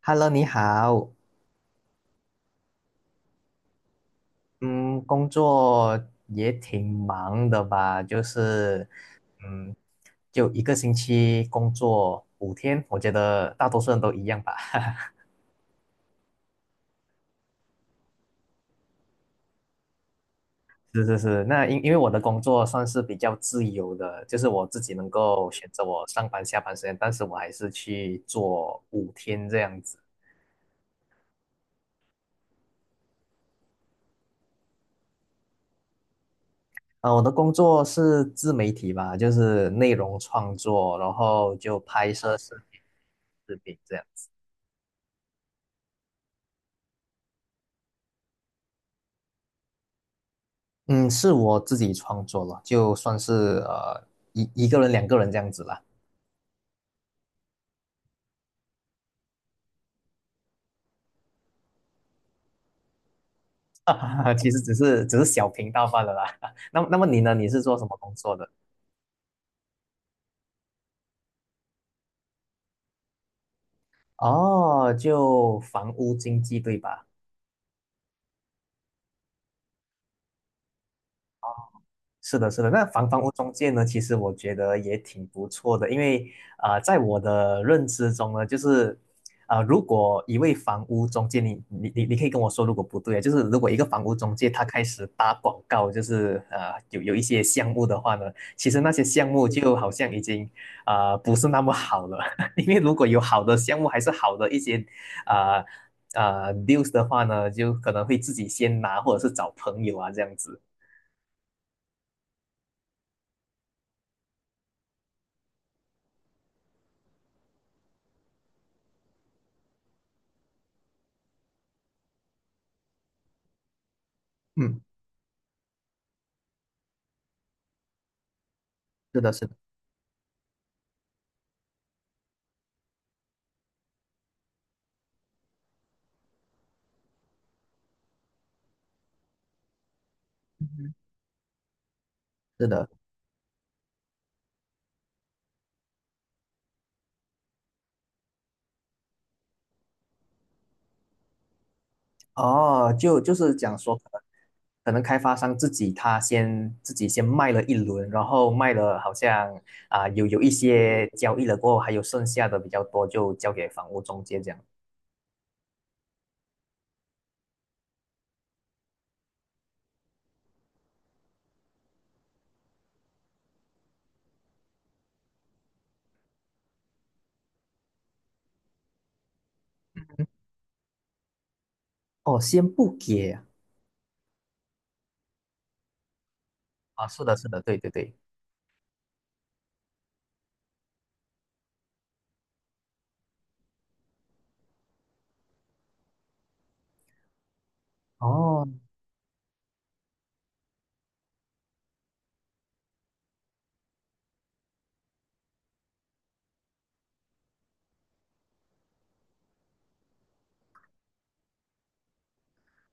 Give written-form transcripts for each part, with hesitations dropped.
Hello，你好。嗯，工作也挺忙的吧？就是，嗯，就一个星期工作五天，我觉得大多数人都一样吧。是是是，那因为我的工作算是比较自由的，就是我自己能够选择我上班下班时间，但是我还是去做五天这样子。啊，我的工作是自媒体吧，就是内容创作，然后就拍摄视频、视频这样。嗯，是我自己创作了，就算是呃一个人、2个人这样子啦。其实只是小频道罢了啦。那么你呢？你是做什么工作的？哦，就房屋经纪对吧？是的，是的。那房屋中介呢，其实我觉得也挺不错的，因为在我的认知中呢，就是如果一位房屋中介，你可以跟我说，如果不对啊，就是如果一个房屋中介他开始打广告，就是有一些项目的话呢，其实那些项目就好像已经不是那么好了。因为如果有好的项目，还是好的一些啊news 的话呢，就可能会自己先拿，或者是找朋友啊这样子。嗯，是的，是的。是的。哦，就就是讲说，可能可能开发商自己他先自己先卖了一轮，然后卖了好像有一些交易了过后，还有剩下的比较多就交给房屋中介这样。哦，先不给啊。啊，是的，是的，对对对。哦。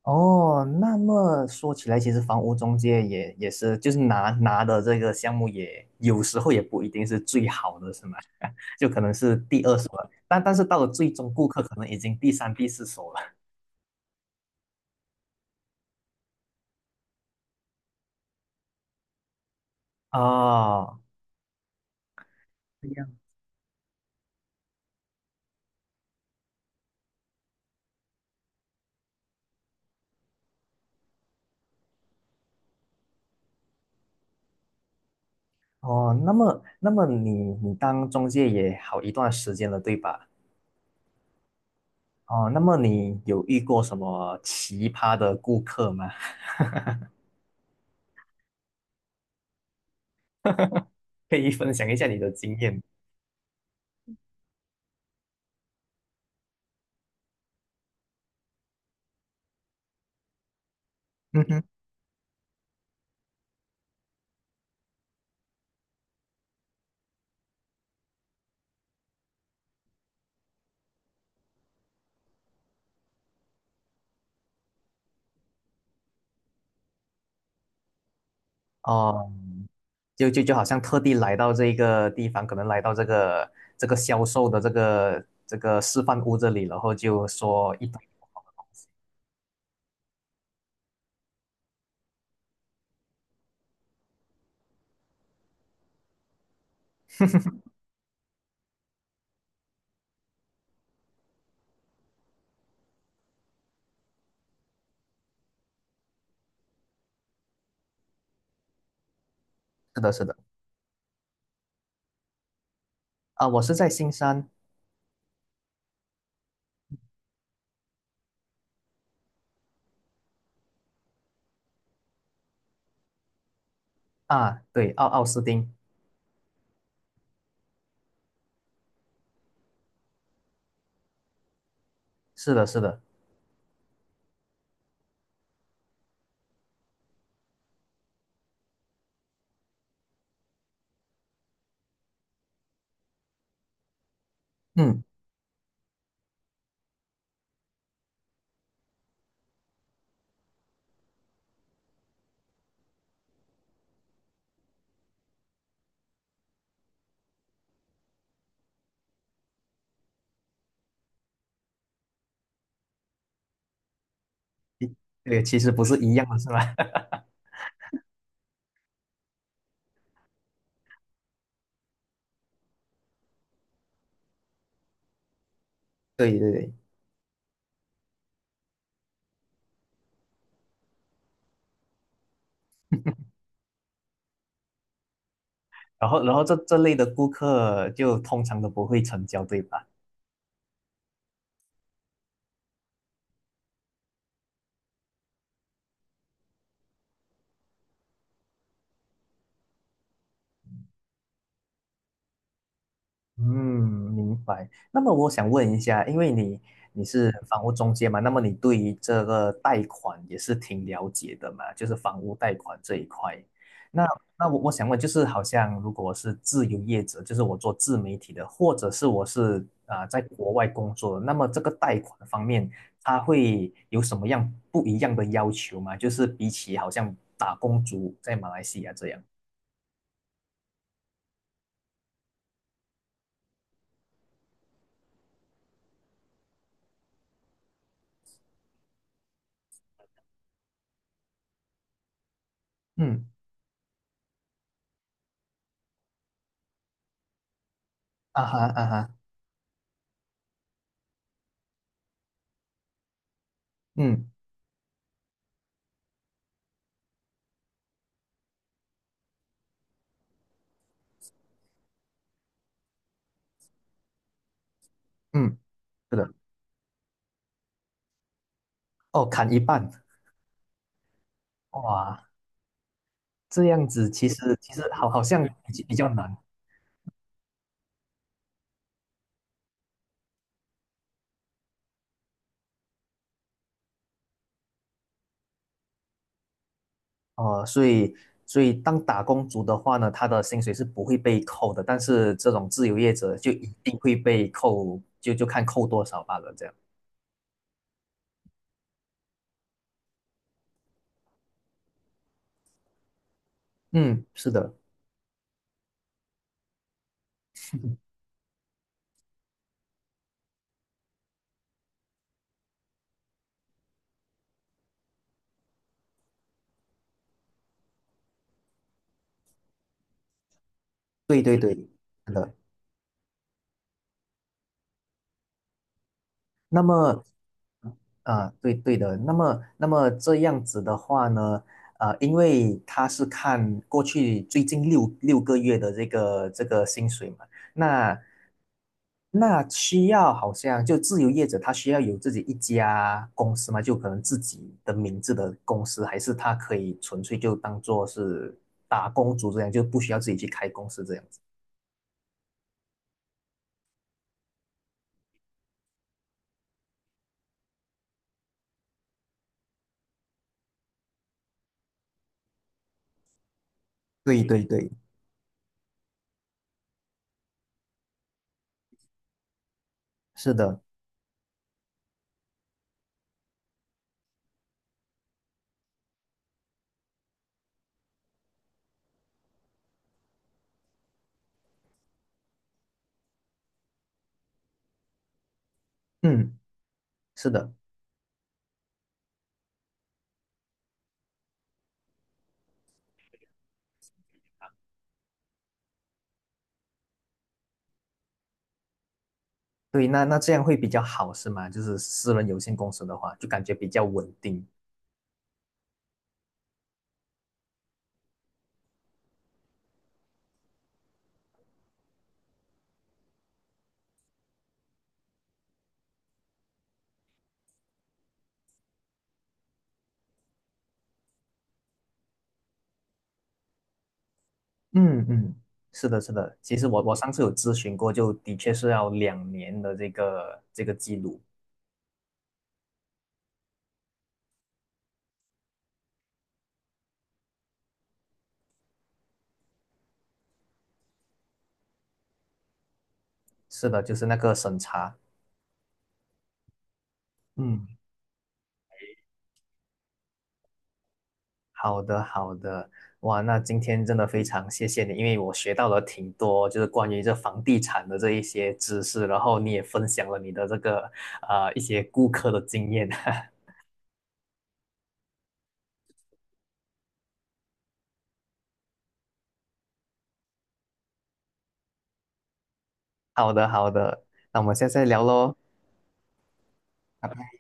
哦，那么说起来，其实房屋中介也是，就是拿的这个项目也有时候也不一定是最好的，是吗？就可能是第2手了，但是到了最终顾客可能已经第3、第4手了。哦，这样。哦，那么你你当中介也好一段时间了，对吧？哦，那么你有遇过什么奇葩的顾客吗？可以分享一下你的经验。嗯哼。哦，就好像特地来到这个地方，可能来到这个这个销售的这个示范屋这里，然后就说一堆。是的，是的。啊，我是在新山。啊，对，奥奥斯汀。是的，是的。嗯。对，其实不是一样的是吧？对对对。然后这类的顾客就通常都不会成交，对吧？嗯，明白。那么我想问一下，因为你你是房屋中介嘛，那么你对于这个贷款也是挺了解的嘛，就是房屋贷款这一块。那那我想问，就是好像如果我是自由业者，就是我做自媒体的，或者是我是在国外工作的，那么这个贷款方面，他会有什么样不一样的要求吗？就是比起好像打工族在马来西亚这样。嗯。啊哈啊哈。嗯嗯，是的。哦，砍一半。哇，这样子其实其实好好像比较难。哦，所以所以当打工族的话呢，他的薪水是不会被扣的，但是这种自由业者就一定会被扣，就就看扣多少罢了，这样。嗯，是的。对对对，是的。那么。啊，对对的。那么，那么这样子的话呢，呃，因为他是看过去最近六个月的这个这个薪水嘛。那那需要好像就自由业者，他需要有自己一家公司嘛，就可能自己的名字的公司，还是他可以纯粹就当做是打工族这样，就不需要自己去开公司这样子。对对对，是的。嗯，是的。对，那那这样会比较好，是吗？就是私人有限公司的话，就感觉比较稳定。嗯嗯，是的，是的。其实我我上次有咨询过，就的确是要2年的这个这个记录。是的，就是那个审查。嗯，好的，好的。哇，那今天真的非常谢谢你，因为我学到了挺多，就是关于这房地产的这一些知识，然后你也分享了你的这个啊一些顾客的经验。好的，好的。那我们下次再聊喽。拜拜。